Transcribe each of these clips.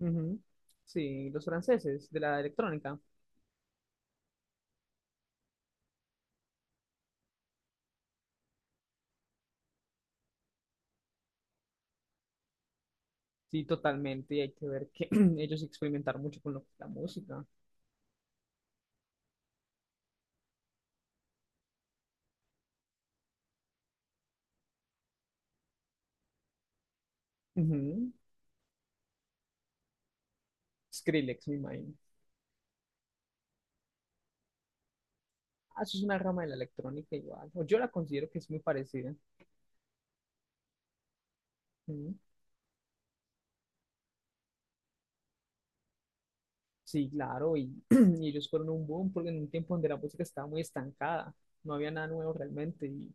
Ujú. Sí, los franceses de la electrónica. Sí, totalmente. Y hay que ver que ellos experimentaron mucho con lo que es la música. Ujú. Skrillex, me imagino. Ah, eso es una rama de la electrónica igual. O yo la considero que es muy parecida. Ujú. Sí, claro. Y, ellos fueron un boom porque en un tiempo donde la música estaba muy estancada. No había nada nuevo realmente. Y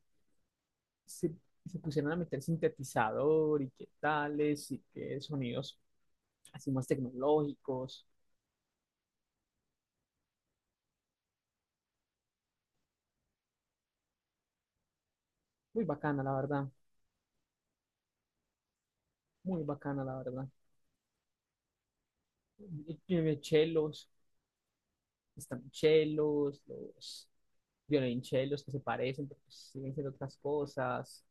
se, se pusieron a meter sintetizador y qué tales y qué sonidos así más tecnológicos. Muy bacana, la verdad. Muy bacana, la verdad. Y tiene chelos, están chelos, los violonchelos que se parecen, pero pues siguen siendo otras cosas.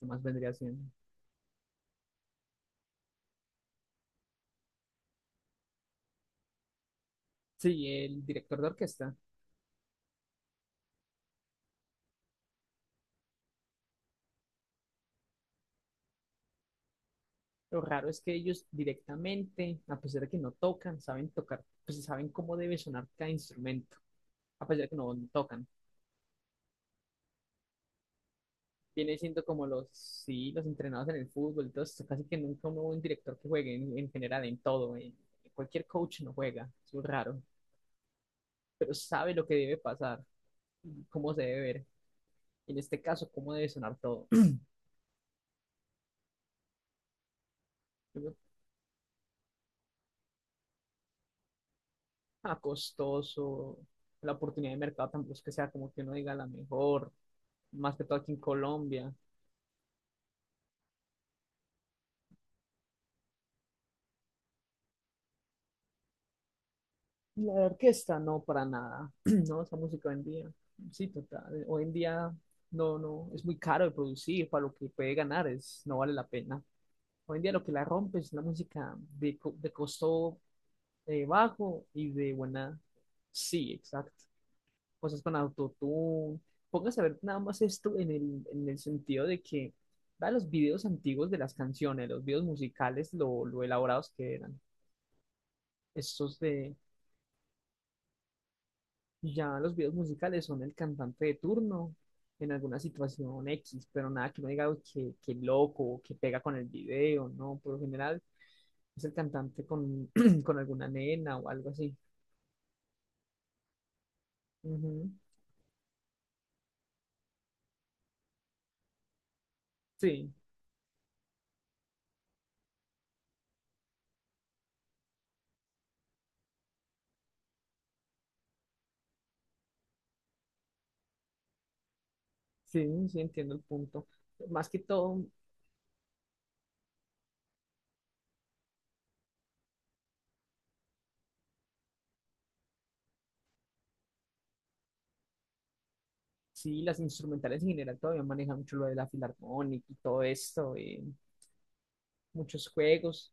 ¿Qué más vendría siendo? Sí, el director de orquesta. Lo raro es que ellos directamente, a pesar de que no tocan, saben tocar, pues saben cómo debe sonar cada instrumento, a pesar de que no tocan. Viene siendo como los, sí, los entrenados en el fútbol, entonces casi que nunca hubo un director que juegue en general, en todo, cualquier coach no juega, es muy raro. Pero sabe lo que debe pasar, y cómo se debe ver, en este caso, cómo debe sonar todo. Yo, costoso, la oportunidad de mercado tampoco es que sea como que uno diga la mejor, más que todo aquí en Colombia. La orquesta no, para nada. No, esa música hoy en día, sí, total, hoy en día no, no, es muy caro de producir, para lo que puede ganar es, no vale la pena. Hoy en día lo que la rompe es la música de costo bajo y de buena, sí, exacto. Cosas con autotune. Póngase a ver nada más esto en el sentido de que, vea los videos antiguos de las canciones, los videos musicales, lo elaborados que eran. Estos de, ya los videos musicales son el cantante de turno en alguna situación X, pero nada que no diga "Uy, que loco, o que pega con el video, ¿no?". Por lo general es el cantante con alguna nena o algo así. Ujú. Sí, sí, sí, entiendo el punto. Más que todo, sí, las instrumentales en general todavía manejan mucho lo de la filarmónica y todo esto, muchos juegos.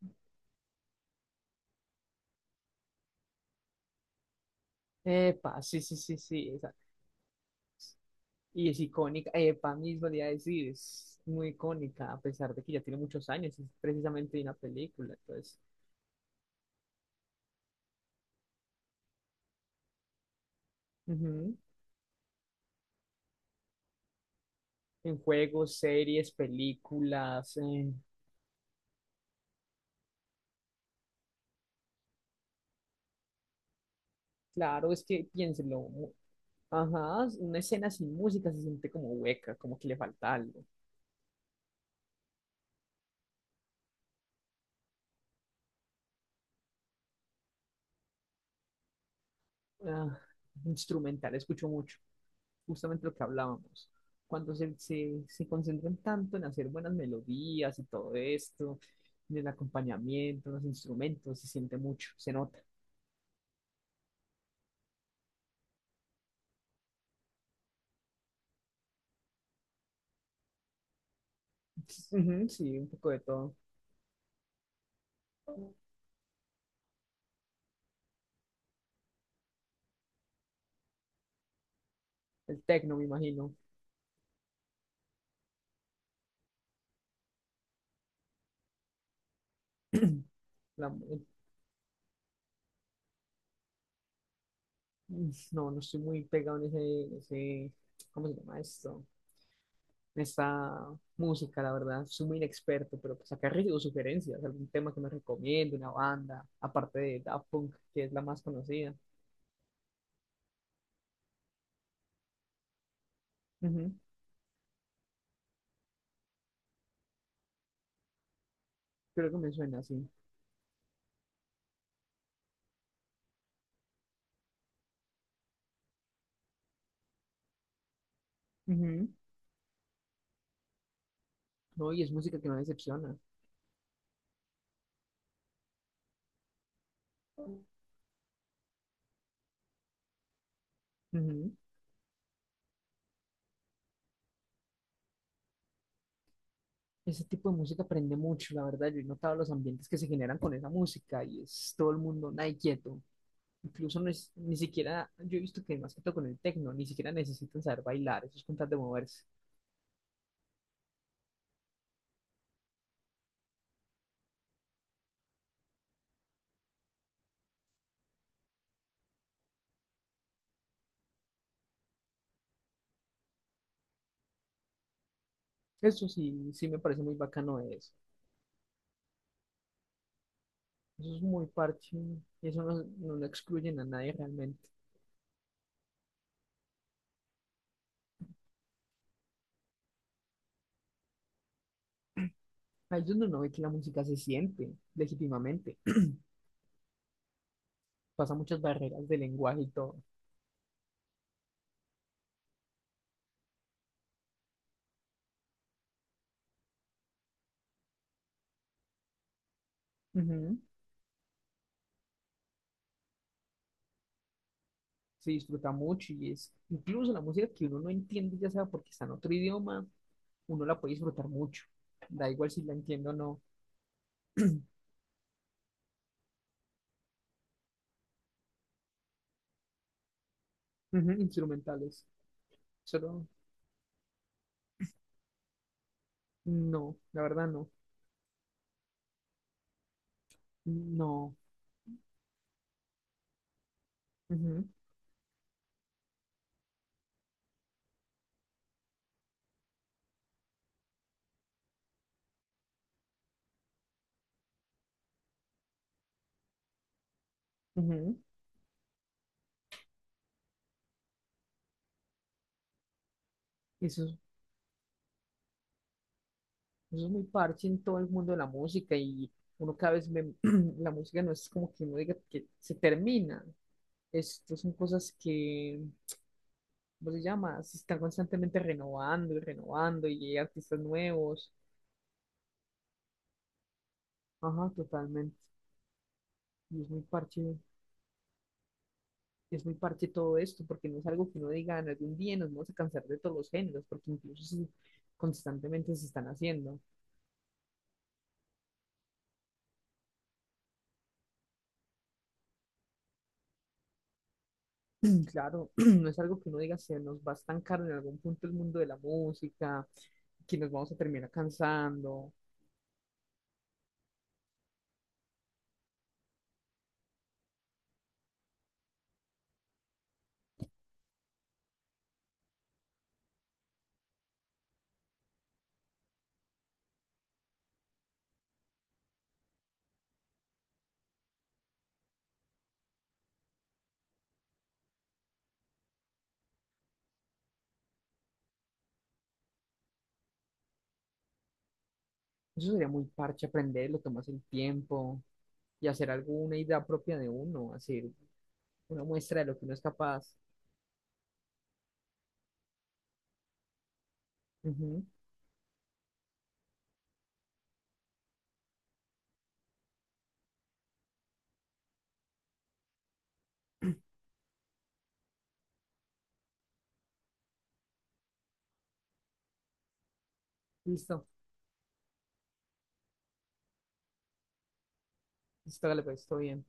Epa, sí, sí, sí, sí, esa. Y es icónica, epa, mismo le iba a decir, es muy icónica, a pesar de que ya tiene muchos años, es precisamente una película, entonces, ujú. En juegos, series, películas, claro, es que piénselo, ajá, una escena sin música se siente como hueca, como que le falta algo. Ah, instrumental, escucho mucho, justamente lo que hablábamos. Cuando se concentran tanto en hacer buenas melodías y todo esto, en el acompañamiento, los instrumentos, se siente mucho, se nota. Ujú. Sí, un poco de todo. El tecno, me imagino. La- el- no, no estoy muy pegado en ese, ¿cómo se llama esto? Esta música, la verdad. Soy muy inexperto, pero pues acá recibo sugerencias, algún tema que me recomiende, una banda, aparte de Daft Punk, que es la más conocida. Ujú, creo que me suena así. Ujú. No, y es música que no decepciona. Ujú. Ese tipo de música prende mucho, la verdad. Yo he notado los ambientes que se generan con esa música y es todo el mundo nadie quieto. Incluso no ni siquiera, yo he visto que más que todo con el techno, ni siquiera necesitan saber bailar, eso es con tal de moverse. Eso sí, sí me parece muy bacano de eso. Eso es muy parche. Y eso no, no lo excluyen a nadie realmente. Ahí es donde uno ve que la música se siente legítimamente. Pasa muchas barreras de lenguaje y todo. Ujú. Se disfruta mucho y es incluso la música que uno no entiende, ya sea porque está en otro idioma, uno la puede disfrutar mucho. Da igual si la entiendo o no. Ujú, instrumentales. Solo no, la verdad no. No. Ujú, ujú. Eso es Eso es muy parche en todo el mundo de la música y uno cada vez ve, la música no es como que uno diga que se termina. Esto son cosas que, ¿cómo se llama? Se están constantemente renovando y renovando y hay artistas nuevos. Ajá, totalmente. Y es muy parche todo esto porque no es algo que uno diga "Ah, en algún día nos vamos a cansar de todos los géneros porque incluso constantemente se están haciendo". Claro, no es algo que uno diga, se nos va a estancar en algún punto el mundo de la música, que nos vamos a terminar cansando. Eso sería muy parche aprenderlo, tomarse el tiempo y hacer alguna idea propia de uno, hacer una muestra de lo que uno es capaz. Ujú. Listo, listo, dale, pues, todo bien.